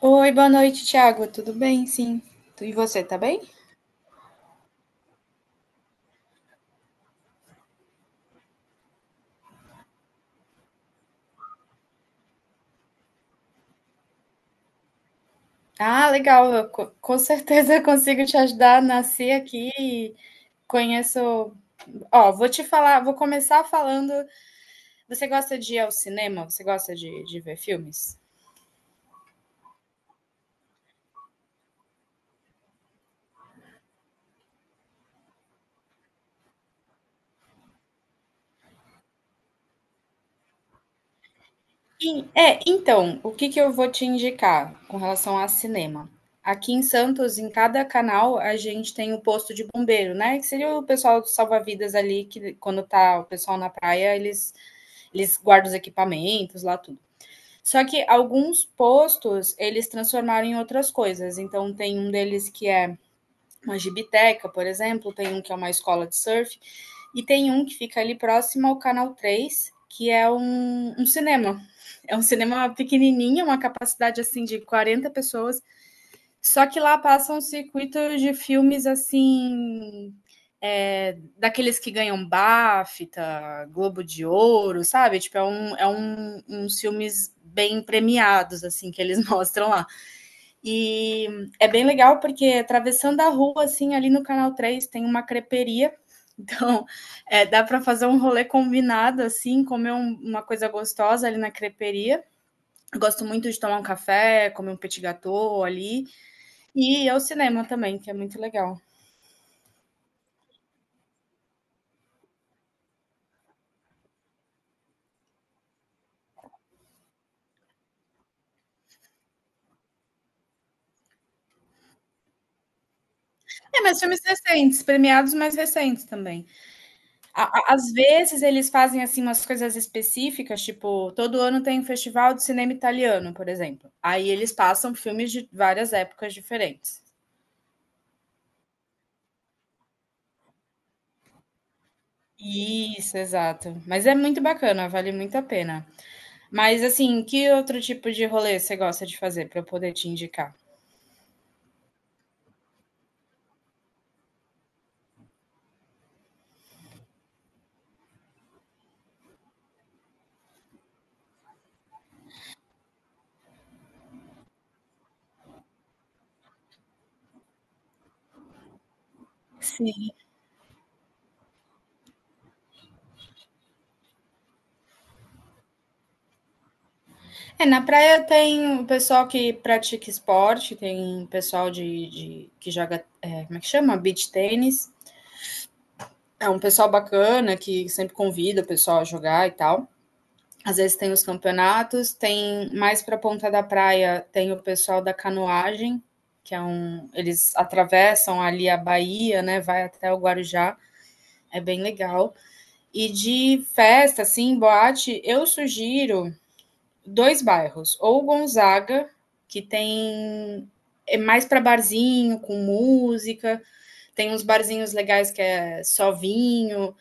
Oi, boa noite, Thiago. Tudo bem? Sim. E você, tá bem? Ah, legal. Com certeza consigo te ajudar. Nasci aqui, e conheço. Ó, vou te falar, vou começar falando. Você gosta de ir ao cinema? Você gosta de ver filmes? Sim, então, o que que eu vou te indicar com relação a cinema? Aqui em Santos, em cada canal, a gente tem o posto de bombeiro, né, que seria o pessoal do salva-vidas ali que quando tá o pessoal na praia, eles guardam os equipamentos lá, tudo. Só que alguns postos, eles transformaram em outras coisas, então tem um deles que é uma gibiteca, por exemplo, tem um que é uma escola de surf, e tem um que fica ali próximo ao Canal Três, que é um cinema. É um cinema pequenininho, uma capacidade assim de 40 pessoas, só que lá passam circuitos de filmes assim, daqueles que ganham BAFTA, Globo de Ouro, sabe? Tipo, uns filmes bem premiados, assim, que eles mostram lá. E é bem legal porque atravessando a rua, assim, ali no Canal Três tem uma creperia. Então, dá para fazer um rolê combinado, assim, comer uma coisa gostosa ali na creperia. Gosto muito de tomar um café, comer um petit gâteau ali. E ir ao cinema também, que é muito legal. É, mas filmes recentes, premiados mais recentes também. Às vezes eles fazem assim umas coisas específicas, tipo, todo ano tem um festival de cinema italiano, por exemplo. Aí eles passam filmes de várias épocas diferentes. Isso, exato. Mas é muito bacana, vale muito a pena. Mas assim, que outro tipo de rolê você gosta de fazer para eu poder te indicar? Sim. É, na praia tem o pessoal que pratica esporte, tem pessoal que joga, como é que chama? Beach tênis. É um pessoal bacana que sempre convida o pessoal a jogar e tal. Às vezes tem os campeonatos, tem mais para a ponta da praia, tem o pessoal da canoagem, eles atravessam ali a Bahia, né, vai até o Guarujá, é bem legal. E de festa assim, boate, eu sugiro dois bairros, ou Gonzaga, que tem mais para barzinho, com música, tem uns barzinhos legais que é só vinho,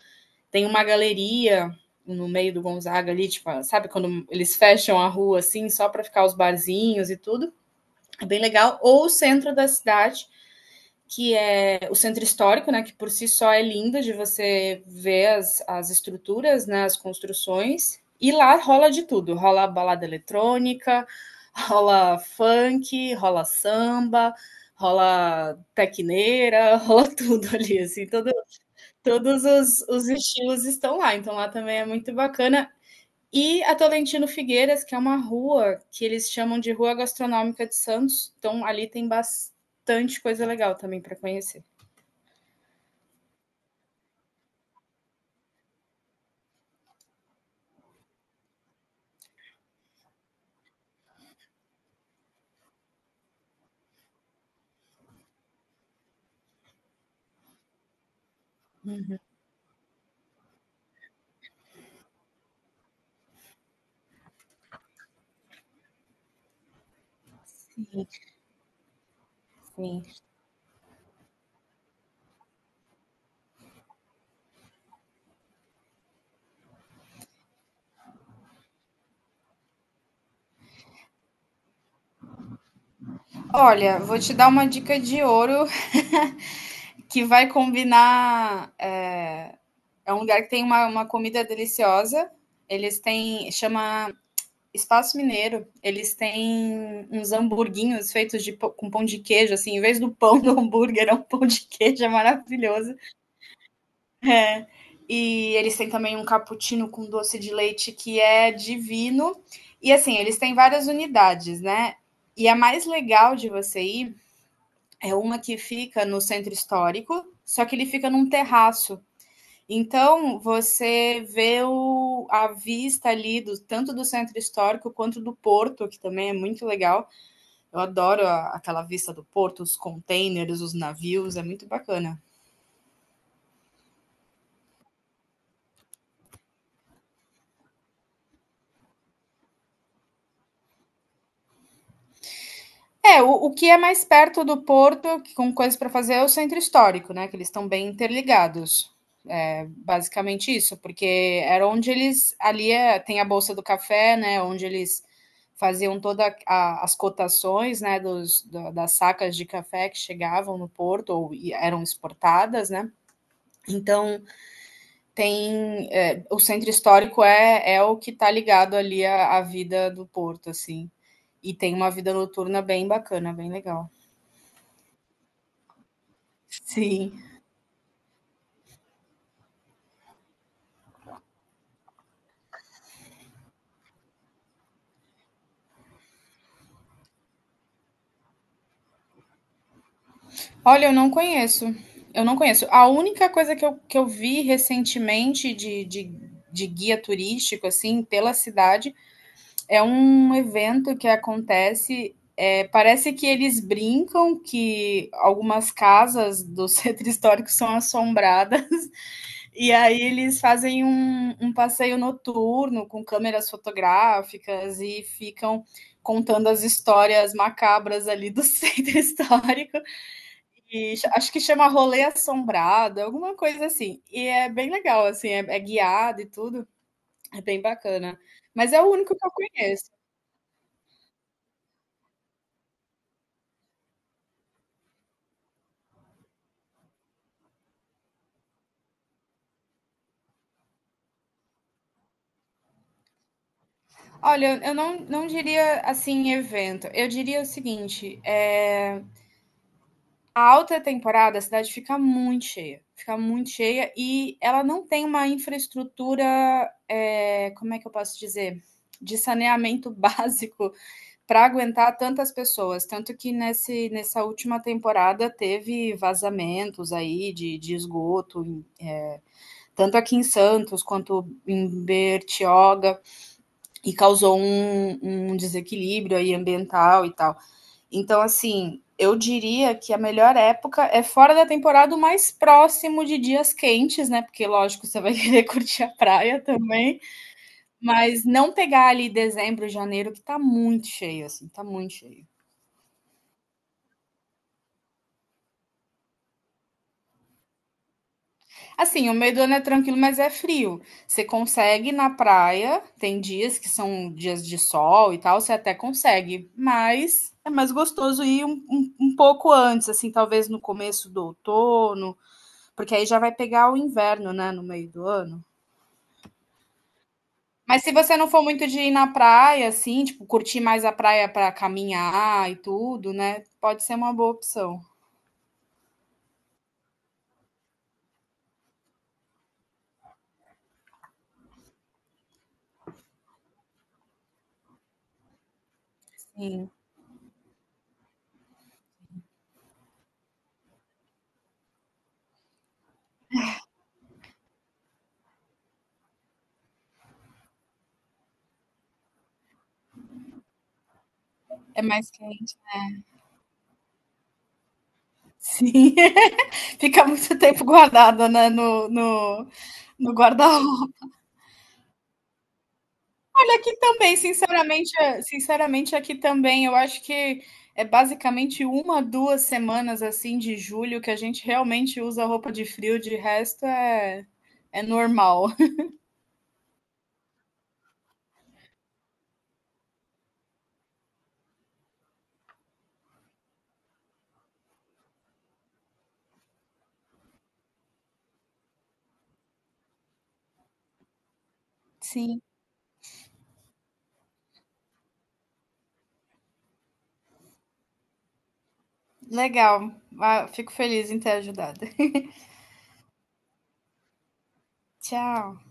tem uma galeria no meio do Gonzaga ali, tipo, sabe quando eles fecham a rua assim, só para ficar os barzinhos e tudo? É bem legal. Ou o centro da cidade, que é o centro histórico, né, que por si só é lindo de você ver as estruturas, né, as construções. E lá rola de tudo, rola balada eletrônica, rola funk, rola samba, rola tecneira, rola tudo ali, assim, Todos os estilos estão lá, então lá também é muito bacana. E a Tolentino Figueiras, que é uma rua que eles chamam de Rua Gastronômica de Santos, então ali tem bastante coisa legal também para conhecer. Sim. Olha, vou te dar uma dica de ouro que vai combinar. É um lugar que tem uma comida deliciosa. Eles têm. Chama Espaço Mineiro, eles têm uns hamburguinhos feitos com pão de queijo, assim, em vez do pão do hambúrguer, é um pão de queijo, é maravilhoso. É. E eles têm também um cappuccino com doce de leite que é divino. E assim, eles têm várias unidades, né? E a mais legal de você ir é uma que fica no centro histórico, só que ele fica num terraço. Então, você vê a vista ali, tanto do centro histórico quanto do porto, que também é muito legal. Eu adoro aquela vista do porto, os containers, os navios, é muito bacana. O que é mais perto do porto, com coisas para fazer, é o centro histórico, né? Que eles estão bem interligados. Basicamente isso, porque era onde eles. Ali tem a Bolsa do Café, né? Onde eles faziam todas as cotações, né, das sacas de café que chegavam no porto ou eram exportadas, né? Então o centro histórico é o que está ligado ali à vida do porto, assim. E tem uma vida noturna bem bacana, bem legal. Sim. Olha, eu não conheço. Eu não conheço. A única coisa que eu vi recentemente de guia turístico, assim, pela cidade, é um evento que acontece. Parece que eles brincam que algumas casas do centro histórico são assombradas, e aí eles fazem um passeio noturno com câmeras fotográficas e ficam contando as histórias macabras ali do centro histórico. E acho que chama Rolê Assombrado, alguma coisa assim. E é bem legal, assim, é guiado e tudo. É bem bacana. Mas é o único que eu conheço. Olha, eu não diria assim evento. Eu diria o seguinte: a alta temporada a cidade fica muito cheia. Fica muito cheia e ela não tem uma infraestrutura, como é que eu posso dizer? De saneamento básico para aguentar tantas pessoas. Tanto que nessa última temporada teve vazamentos aí de esgoto, é, tanto aqui em Santos quanto em Bertioga, e causou um desequilíbrio aí ambiental e tal. Então, assim. Eu diria que a melhor época é fora da temporada, o mais próximo de dias quentes, né? Porque, lógico, você vai querer curtir a praia também. Mas não pegar ali dezembro, janeiro, que tá muito cheio, assim, tá muito cheio. Assim, o meio do ano é tranquilo, mas é frio. Você consegue ir na praia, tem dias que são dias de sol e tal, você até consegue, mas é mais gostoso ir um pouco antes, assim, talvez no começo do outono, porque aí já vai pegar o inverno, né, no meio do ano. Mas se você não for muito de ir na praia, assim, tipo, curtir mais a praia para caminhar e tudo, né, pode ser uma boa opção. Sim, é mais quente. Sim, fica muito tempo guardada, né, no guarda-roupa. Olha, aqui também, sinceramente sinceramente, aqui também, eu acho que é basicamente uma 2 semanas, assim, de julho que a gente realmente usa roupa de frio, de resto é normal. Sim, legal. Ah, fico feliz em ter ajudado. Tchau.